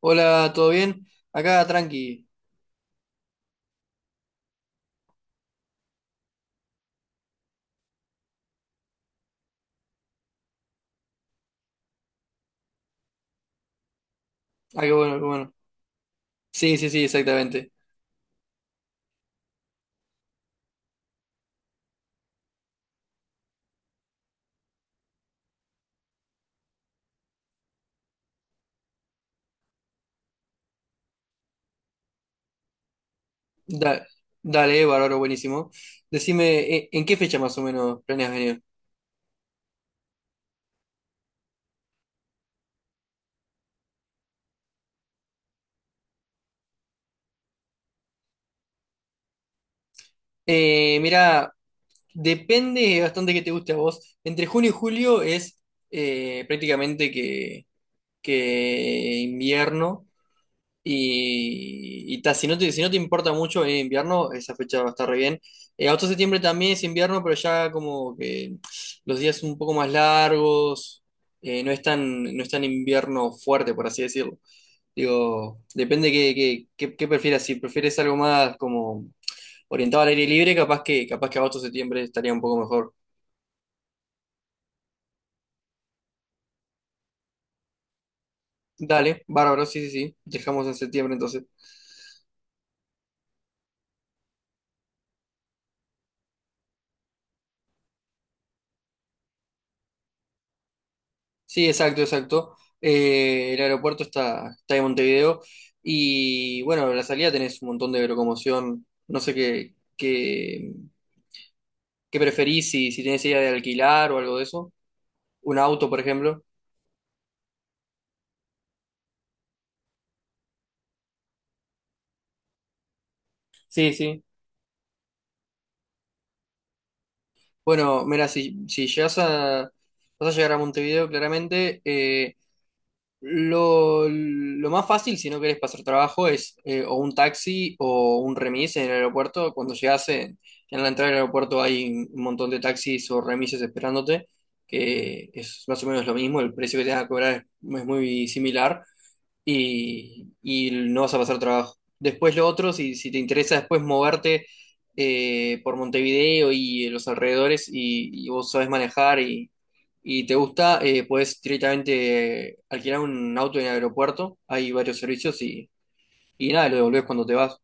Hola, ¿todo bien? Acá, tranqui. Ah, qué bueno, qué bueno. Sí, sí, sí, exactamente. Da- dale, bárbaro, buenísimo. Decime, ¿en qué fecha más o menos planeas venir? Mirá, depende bastante que te guste a vos. Entre junio y julio es prácticamente que invierno. Y ta, si no te importa mucho venir en invierno, esa fecha va a estar re bien. Agosto, septiembre también es invierno, pero ya como que los días son un poco más largos, no es tan invierno fuerte, por así decirlo. Digo, depende qué prefieras. Si prefieres algo más como orientado al aire libre, capaz que agosto, septiembre estaría un poco mejor. Dale, bárbaro, sí, sí, sí. Dejamos en septiembre entonces. Sí, exacto, exacto. El aeropuerto está en Montevideo y bueno, en la salida tenés un montón de locomoción. No sé qué preferís, si tenés idea de alquilar o algo de eso. Un auto, por ejemplo. Sí, sí. Bueno, mira, si, si llegas a, vas a llegar a Montevideo, claramente. Lo más fácil, si no querés pasar trabajo, es o un taxi o un remis en el aeropuerto. En la entrada del aeropuerto hay un montón de taxis o remises esperándote, que es más o menos lo mismo. El precio que te van a cobrar es muy similar y no vas a pasar trabajo. Después lo otro, si te interesa después moverte por Montevideo y los alrededores, y vos sabes manejar y te gusta, puedes directamente alquilar un auto en el aeropuerto. Hay varios servicios y nada, lo devolvés cuando te vas.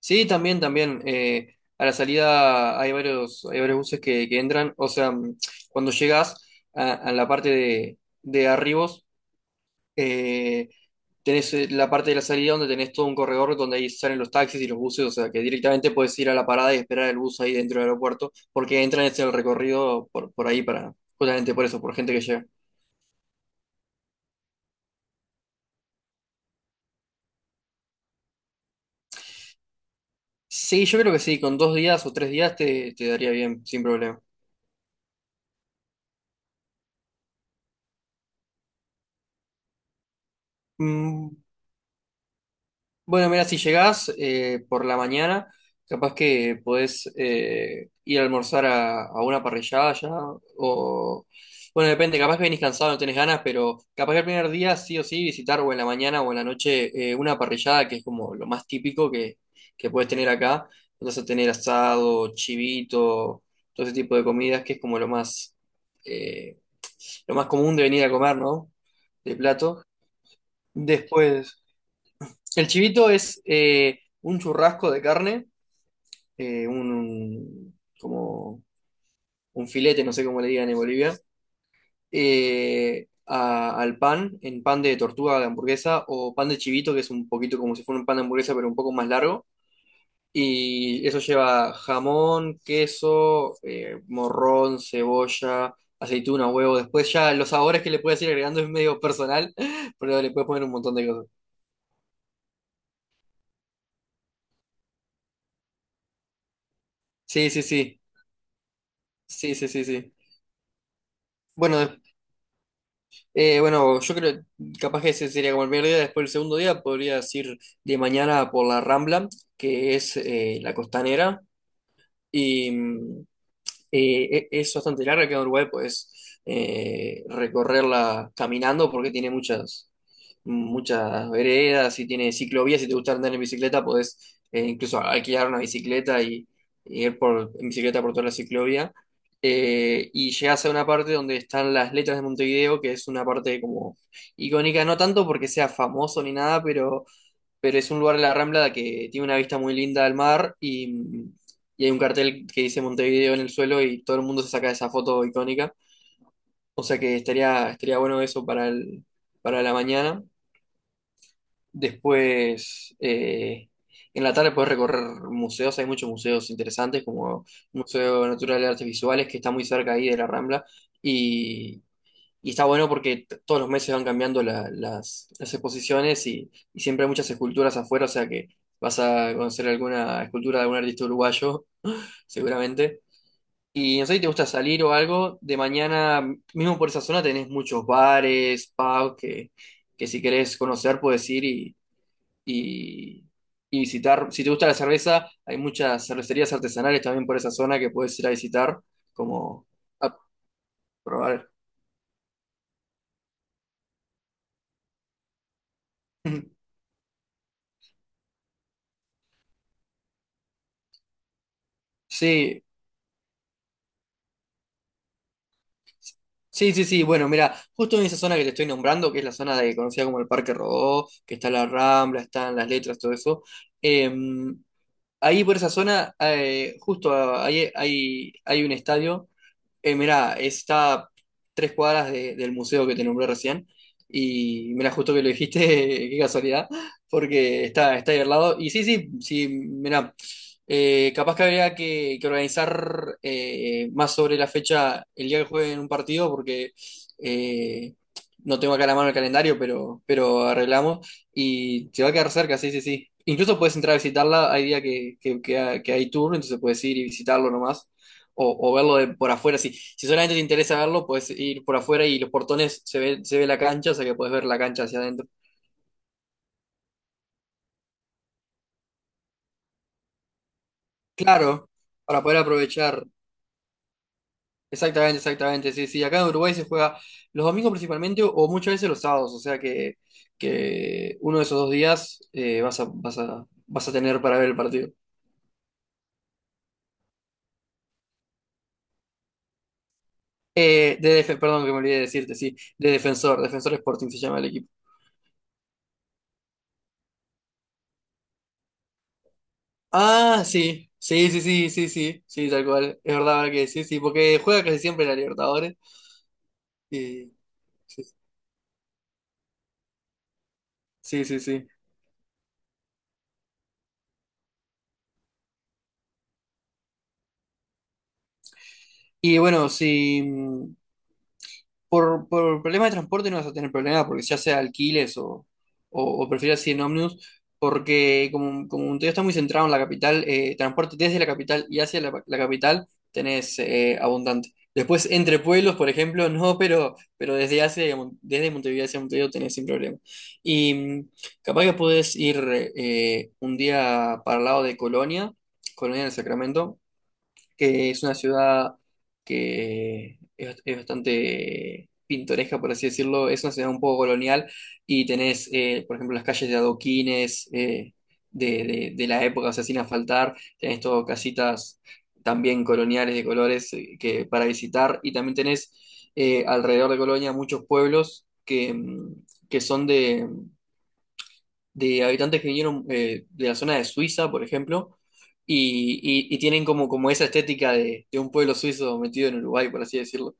Sí, también, también. A la salida hay hay varios buses que entran. O sea, cuando llegas a la parte de arribos, Eh, tenés la parte de la salida donde tenés todo un corredor donde ahí salen los taxis y los buses. O sea que directamente puedes ir a la parada y esperar el bus ahí dentro del aeropuerto, porque entran en el recorrido por ahí, para, justamente por eso, por gente que llega. Sí, yo creo que sí, con 2 días o 3 días te daría bien, sin problema. Mm, Bueno, mira, si llegás por la mañana, capaz que podés ir a almorzar a una parrillada ya, o... Bueno, depende, capaz que venís cansado, no tenés ganas, pero capaz que el primer día sí o sí visitar o en la mañana o en la noche una parrillada, que es como lo más típico que puedes tener acá. Vas a tener asado, chivito, todo ese tipo de comidas, que es como eh, lo más común de venir a comer, ¿no? De plato. Después... El chivito es un churrasco de carne, como un filete, no sé cómo le digan en Bolivia, al pan, en pan de tortuga de hamburguesa o pan de chivito, que es un poquito como si fuera un pan de hamburguesa, pero un poco más largo. Y eso lleva jamón, queso, morrón, cebolla, aceituna, huevo. Después ya los sabores que le puedes ir agregando es medio personal, pero le puedes poner un montón de cosas. Sí, sí, sí. Sí, sí, sí, sí. Bueno. Bueno, yo creo, capaz que ese sería como el primer día. Después el segundo día podrías ir de mañana por la Rambla, que es la costanera. Es bastante larga, que en Uruguay puedes recorrerla caminando porque tiene muchas veredas y tiene ciclovías. Si te gusta andar en bicicleta, podés incluso alquilar una bicicleta y ir en bicicleta por toda la ciclovía. Y llegas a una parte donde están las letras de Montevideo, que es una parte como icónica, no tanto porque sea famoso ni nada, pero es un lugar de la Rambla que tiene una vista muy linda al mar, y hay un cartel que dice Montevideo en el suelo, y todo el mundo se saca esa foto icónica. O sea que estaría bueno eso para para la mañana. Después, en la tarde puedes recorrer museos, hay muchos museos interesantes como el Museo Natural de Artes Visuales, que está muy cerca ahí de la Rambla, y, y está bueno porque todos los meses van cambiando las exposiciones y siempre hay muchas esculturas afuera. O sea que vas a conocer alguna escultura de algún artista uruguayo, seguramente. Y no sé si te gusta salir o algo, de mañana, mismo por esa zona tenés muchos bares, pubs, que si querés conocer puedes ir y, y visitar. Si te gusta la cerveza, hay muchas cervecerías artesanales también por esa zona que puedes ir a visitar, como a probar. Sí, sí, sí, sí. Bueno, mira, justo en esa zona que te estoy nombrando, que es la zona de, conocida como el Parque Rodó, que está la Rambla, están las letras, todo eso. eh, Ahí por esa zona, ahí hay un estadio. Mira, está 3 cuadras del museo que te nombré recién. Y mira, justo que lo dijiste, qué casualidad, porque está ahí al lado. Y sí, sí, sí, mira, capaz que habría que organizar más sobre la fecha, el día que jueguen un partido, porque eh, no tengo acá a la mano el calendario, pero arreglamos. Y te va a quedar cerca, sí, sí, sí. Incluso puedes entrar a visitarla, hay día que hay tour, entonces puedes ir y visitarlo nomás o verlo por afuera. Si, si solamente te interesa verlo, puedes ir por afuera y los portones se ve la cancha. O sea que puedes ver la cancha hacia adentro. Claro, para poder aprovechar. Exactamente, exactamente. Sí, sí, acá en Uruguay se juega los domingos principalmente o muchas veces los sábados. O sea que uno de esos dos días vas a tener para ver el partido. Perdón que me olvidé de decirte, sí, de Defensor, Defensor Sporting se llama el equipo. Ah, sí, sí, sí, sí, sí, sí, sí, tal cual, es verdad ahora que sí, sí, porque juega casi siempre la Libertadores. Y, sí, sí, sí, sí. Y bueno, sí. Por problemas de transporte no vas a tener problemas porque ya sea alquiles o prefieras ir en ómnibus, porque como Montevideo está muy centrado en la capital, transporte desde la capital y hacia la capital tenés abundante. Después, entre pueblos, por ejemplo, no, pero desde hacia, desde Montevideo hacia Montevideo tenés sin problema. Y capaz que podés ir un día para el lado de Colonia, Colonia del Sacramento, que es una ciudad es bastante pintoresca, por así decirlo. Es una ciudad un poco colonial, y tenés, por ejemplo, las calles de adoquines de la época, o sea, sin asfaltar. Tenés todo casitas también coloniales de colores para visitar, y también tenés alrededor de Colonia muchos pueblos que son de habitantes que vinieron de la zona de Suiza, por ejemplo, y, y tienen como, como esa estética de un pueblo suizo metido en Uruguay, por así decirlo,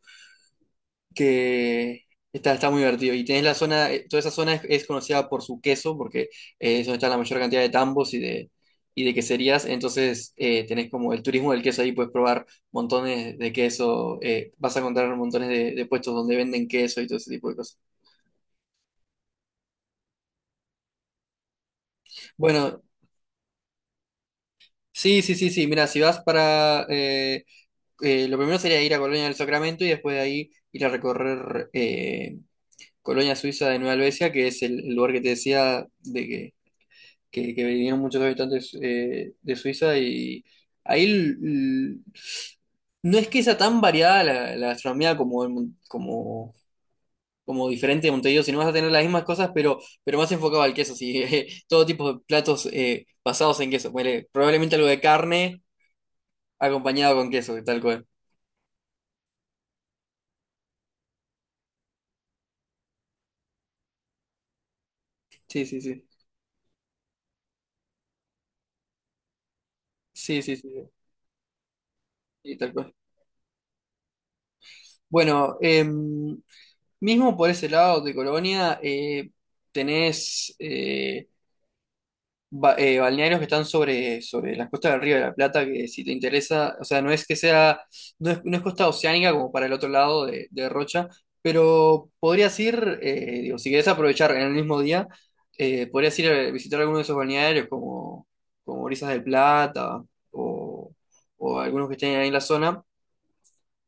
que está, está muy divertido. Y tenés la zona, toda esa zona es conocida por su queso, porque es donde está la mayor cantidad de tambos y y de queserías. Entonces tenés como el turismo del queso ahí, puedes probar montones de queso. Eh, vas a encontrar montones de puestos donde venden queso y todo ese tipo de cosas. Bueno, sí, sí, sí, sí, mira, si vas para... lo primero sería ir a Colonia del Sacramento, y después de ahí ir a recorrer Colonia Suiza de Nueva Albesia, que es el lugar que te decía que vinieron muchos habitantes de Suiza. Y ahí no es que sea tan variada la gastronomía como diferente de Montevideo, sino vas a tener las mismas cosas, pero más enfocado al queso, sí. Eh, todo tipo de platos basados en queso. Ponele, probablemente algo de carne acompañado con queso, tal cual. Sí, sí, sí. Sí, sí, sí. Sí, tal cual. Bueno, mismo por ese lado de Colonia, tenés balnearios que están sobre las costas del Río de la Plata, que si te interesa. O sea, no es, no es costa oceánica como para el otro lado de Rocha, pero podrías ir. Digo, si querés aprovechar en el mismo día, podrías ir a visitar alguno de esos balnearios como, como Brisas del Plata o, o algunos que estén ahí en la zona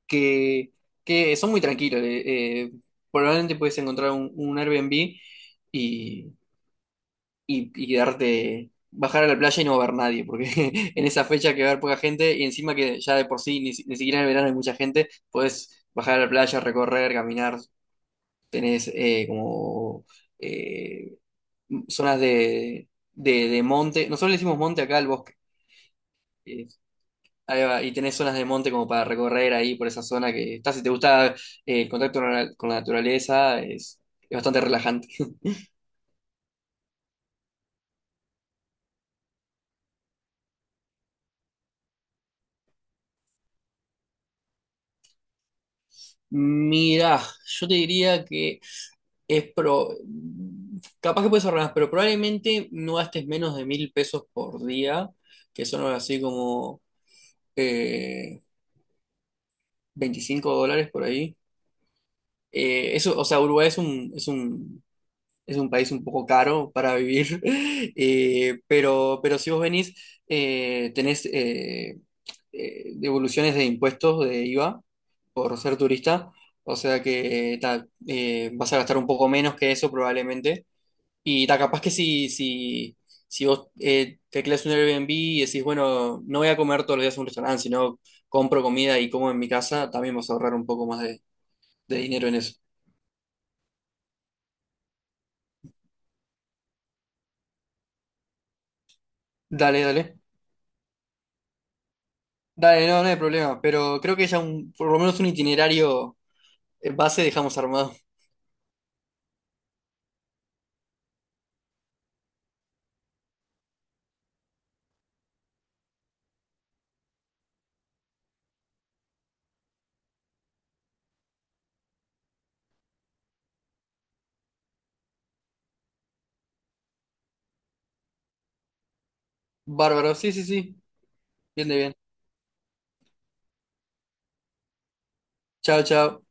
que, que son muy tranquilos. Probablemente puedes encontrar un Airbnb y, y darte, bajar a la playa y no va a haber nadie, porque en esa fecha que va a haber poca gente, y encima que ya de por sí ni siquiera en el verano hay mucha gente, puedes bajar a la playa, recorrer, caminar, tenés como eh, zonas de monte. Nosotros le decimos monte acá al bosque. Ahí va, y tenés zonas de monte como para recorrer ahí por esa zona que está. Si te gusta el contacto con la naturaleza, es bastante relajante. Mira, yo te diría que es pro. Capaz que puedes ahorrar, pero probablemente no gastes menos de 1.000 pesos por día, que son algo así como eh, US$25 por ahí. Eso, o sea, Uruguay es un país un poco caro para vivir, pero si vos venís, tenés devoluciones de impuestos de IVA por ser turista. O sea que ta, vas a gastar un poco menos que eso probablemente. Y ta, capaz que si vos tecleas un Airbnb y decís, bueno, no voy a comer todos los días en un restaurante, sino compro comida y como en mi casa, también vas a ahorrar un poco más de dinero en eso. Dale, dale. Dale, no, no hay problema, pero creo que ya por lo menos un itinerario base dejamos armado. Bárbaro, sí, sí, sí, bien de bien. Chao, chao.